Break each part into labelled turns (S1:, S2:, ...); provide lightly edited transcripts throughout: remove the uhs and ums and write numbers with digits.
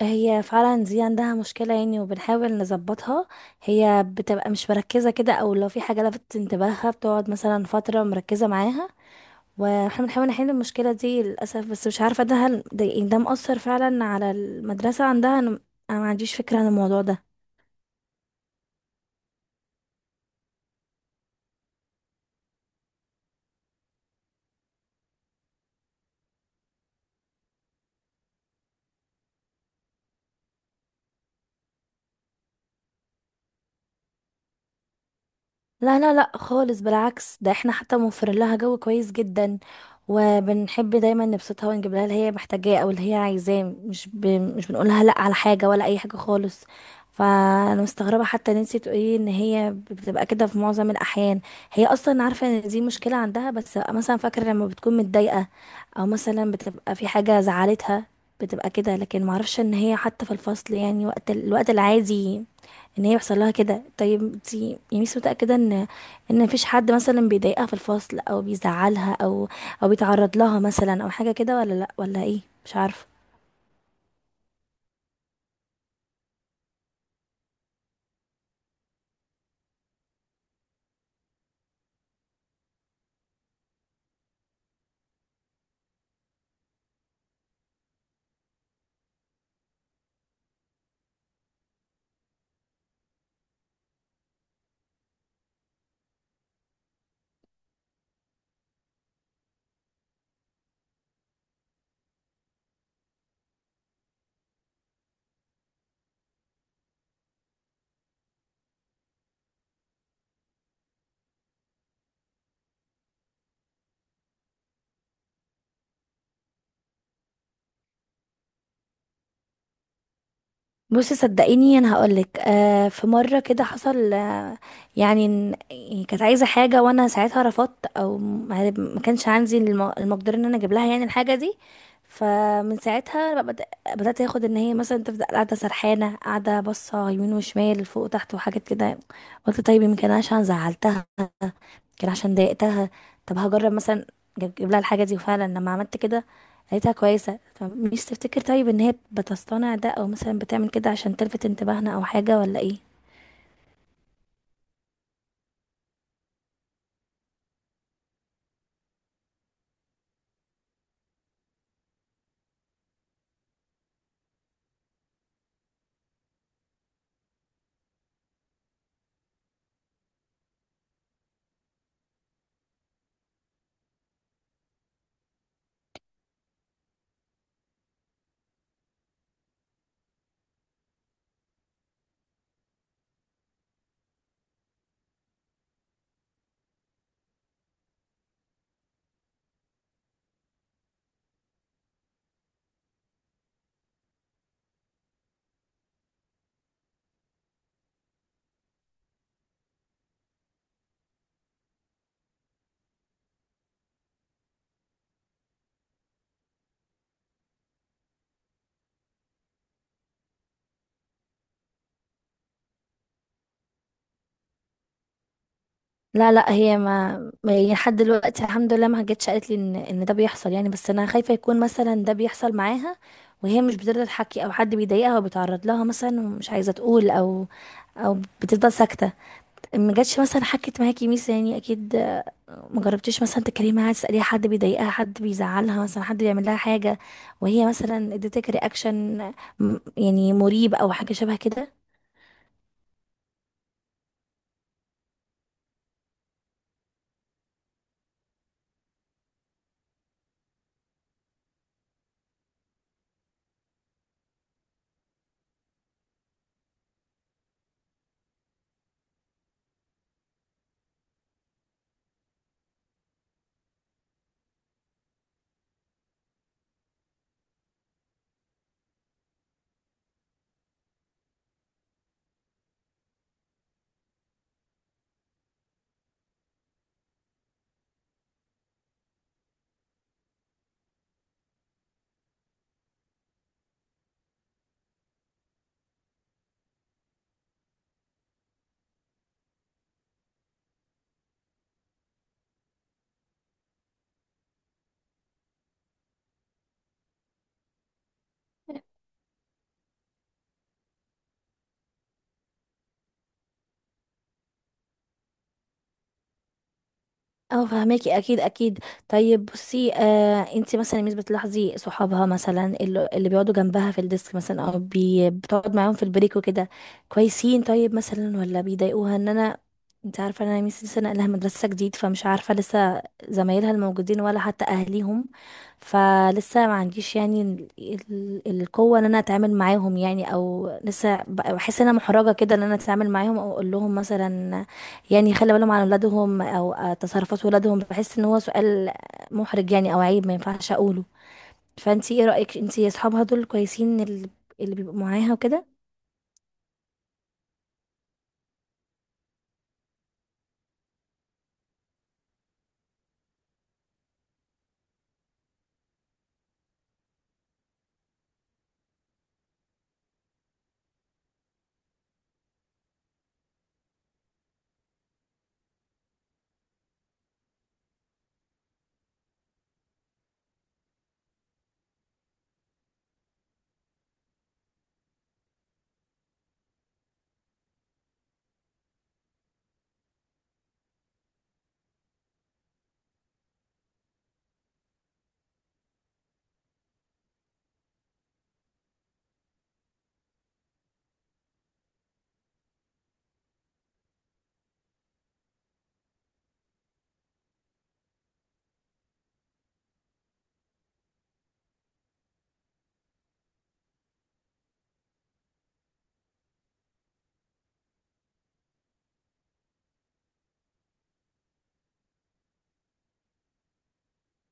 S1: هي فعلا دي عندها مشكلة يعني وبنحاول نظبطها. هي بتبقى مش مركزة كده، او لو في حاجة لفتت انتباهها بتقعد مثلا فترة مركزة معاها. واحنا بنحاول نحل المشكلة دي للأسف، بس مش عارفة ده هل ده, يعني ده مأثر فعلا على المدرسة عندها. أنا ما عنديش فكرة عن الموضوع ده. لا لا لا خالص، بالعكس ده احنا حتى موفرين لها جو كويس جدا. وبنحب دايما نبسطها ونجيب لها اللي هي محتاجاه او اللي هي عايزاه. مش بنقولها لا على حاجة ولا اي حاجة خالص. فانا مستغربة حتى ان انتي تقولي ان هي بتبقى كده في معظم الاحيان. هي اصلا عارفة ان دي مشكلة عندها، بس مثلا فاكرة لما بتكون متضايقة او مثلا بتبقى في حاجة زعلتها بتبقى كده. لكن معرفش ان هي حتى في الفصل، يعني وقت الوقت العادي، ان هي يحصل لها كده. طيب انت يعني مش متاكده ان مفيش حد مثلا بيضايقها في الفصل او بيزعلها، او او بيتعرض لها مثلا او حاجه كده، ولا لا؟ ولا ايه؟ مش عارفه. بصي صدقيني انا هقولك، آه في مره كده حصل. آه يعني يعني كانت عايزه حاجه وانا ساعتها رفضت، او ما كانش عندي المقدره ان انا اجيب لها يعني الحاجه دي. فمن ساعتها بقى بدات اخد ان هي مثلا تفضل قاعده سرحانه، قاعده باصه يمين وشمال فوق وتحت وحاجات كده. قلت طيب يمكن انا عشان زعلتها، كان عشان ضايقتها. طب هجرب مثلا اجيب لها الحاجه دي. وفعلا لما عملت كده لقيتها كويسه. فمش تفتكر طيب ان هي بتصطنع ده، او مثلا بتعمل كده عشان تلفت انتباهنا او حاجه، ولا ايه؟ لا لا، هي ما ما- يعني لحد دلوقتي الحمد لله ما جتش قالت لي ان ده بيحصل يعني. بس انا خايفه يكون مثلا ده بيحصل معاها وهي مش بترضى تحكي، او حد بيضايقها وبيتعرض لها مثلا ومش عايزه تقول، او او بتفضل ساكته. ما جاتش مثلا حكت معاكي ميس يعني؟ اكيد ما جربتيش مثلا تكلمي معاها تساليها حد بيضايقها، حد بيزعلها مثلا، حد بيعمل لها حاجه، وهي مثلا اديتك رياكشن يعني مريب او حاجه شبه كده؟ اه فهماكي، اكيد اكيد. طيب بصي، آه انت مثلا مش بتلاحظي صحابها مثلا اللي بيقعدوا جنبها في الديسك مثلا، او بتقعد معاهم في البريك وكده، كويسين؟ طيب مثلا ولا بيضايقوها؟ ان انا انت عارفه إن انا ميسي لسه ناقله مدرسه جديد، فمش عارفه لسه زمايلها الموجودين ولا حتى اهليهم. فلسه ما عنديش يعني القوه ان انا اتعامل معاهم يعني، او لسه بحس ان انا محرجه كده ان انا اتعامل معاهم او اقول لهم مثلا يعني يخلي بالهم عن ولادهم، او تصرفات ولادهم. بحس ان هو سؤال محرج يعني او عيب ما ينفعش اقوله. فانتي ايه رأيك، انتي اصحابها دول كويسين اللي اللي بيبقوا معاها وكده؟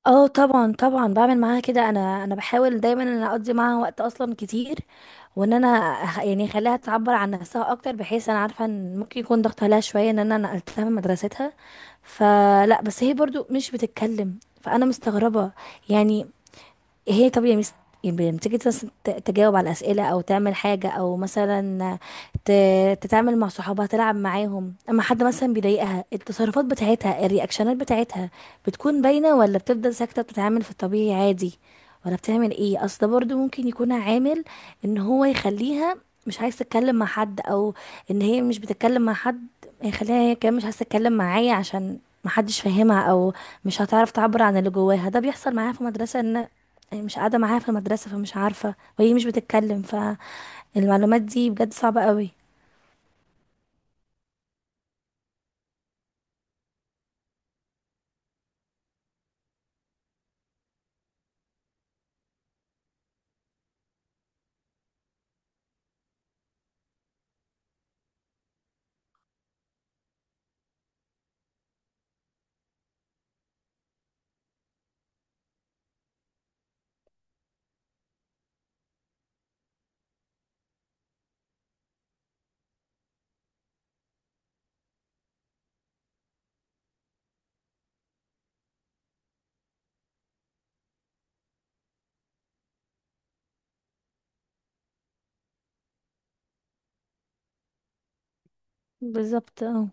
S1: اه طبعا طبعا، بعمل معاها كده. انا بحاول دايما ان أنا اقضي معاها وقت اصلا كتير، وان انا يعني اخليها تعبر عن نفسها اكتر، بحيث انا عارفه ان ممكن يكون ضغط عليها شويه ان انا نقلتها من مدرستها. فلا، بس هي برضو مش بتتكلم، فانا مستغربه يعني. هي، طب يا ميس، لما تيجي تجاوب على أسئلة أو تعمل حاجة، أو مثلا تتعامل مع صحابها تلعب معاهم، أما حد مثلا بيضايقها التصرفات بتاعتها الرياكشنات بتاعتها بتكون باينة، ولا بتفضل ساكتة بتتعامل في الطبيعي عادي ولا بتعمل ايه؟ أصل ده برضو ممكن يكون عامل إن هو يخليها مش عايز تتكلم مع حد، أو إن هي مش بتتكلم مع حد، يخليها هي كمان مش عايز تتكلم معايا عشان محدش فاهمها، أو مش هتعرف تعبر عن اللي جواها. ده بيحصل معايا في مدرسة ان مش قاعدة معاها في المدرسة، فمش عارفة وهي مش بتتكلم. فالمعلومات دي بجد صعبة قوي. بالظبط اه.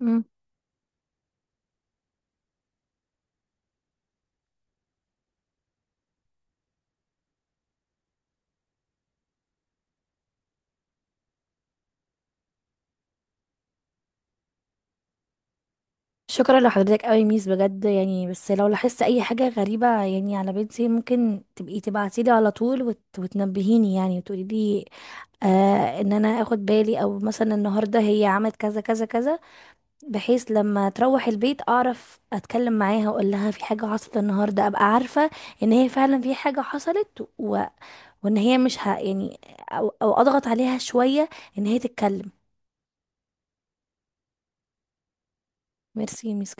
S1: مم. شكرا لحضرتك قوي ميس بجد يعني. بس لو لاحظت اي حاجة غريبة يعني على بنتي، ممكن تبقي تبعتيلي على طول وتنبهيني يعني وتقولي لي آه، ان انا اخد بالي، او مثلا النهاردة هي عملت كذا كذا كذا، بحيث لما تروح البيت اعرف اتكلم معاها واقول لها في حاجة حصلت النهاردة. ابقى عارفة ان هي فعلا في حاجة حصلت، وان هي مش ه... يعني او او اضغط عليها شويه ان هي تتكلم. ميرسي يا ميس.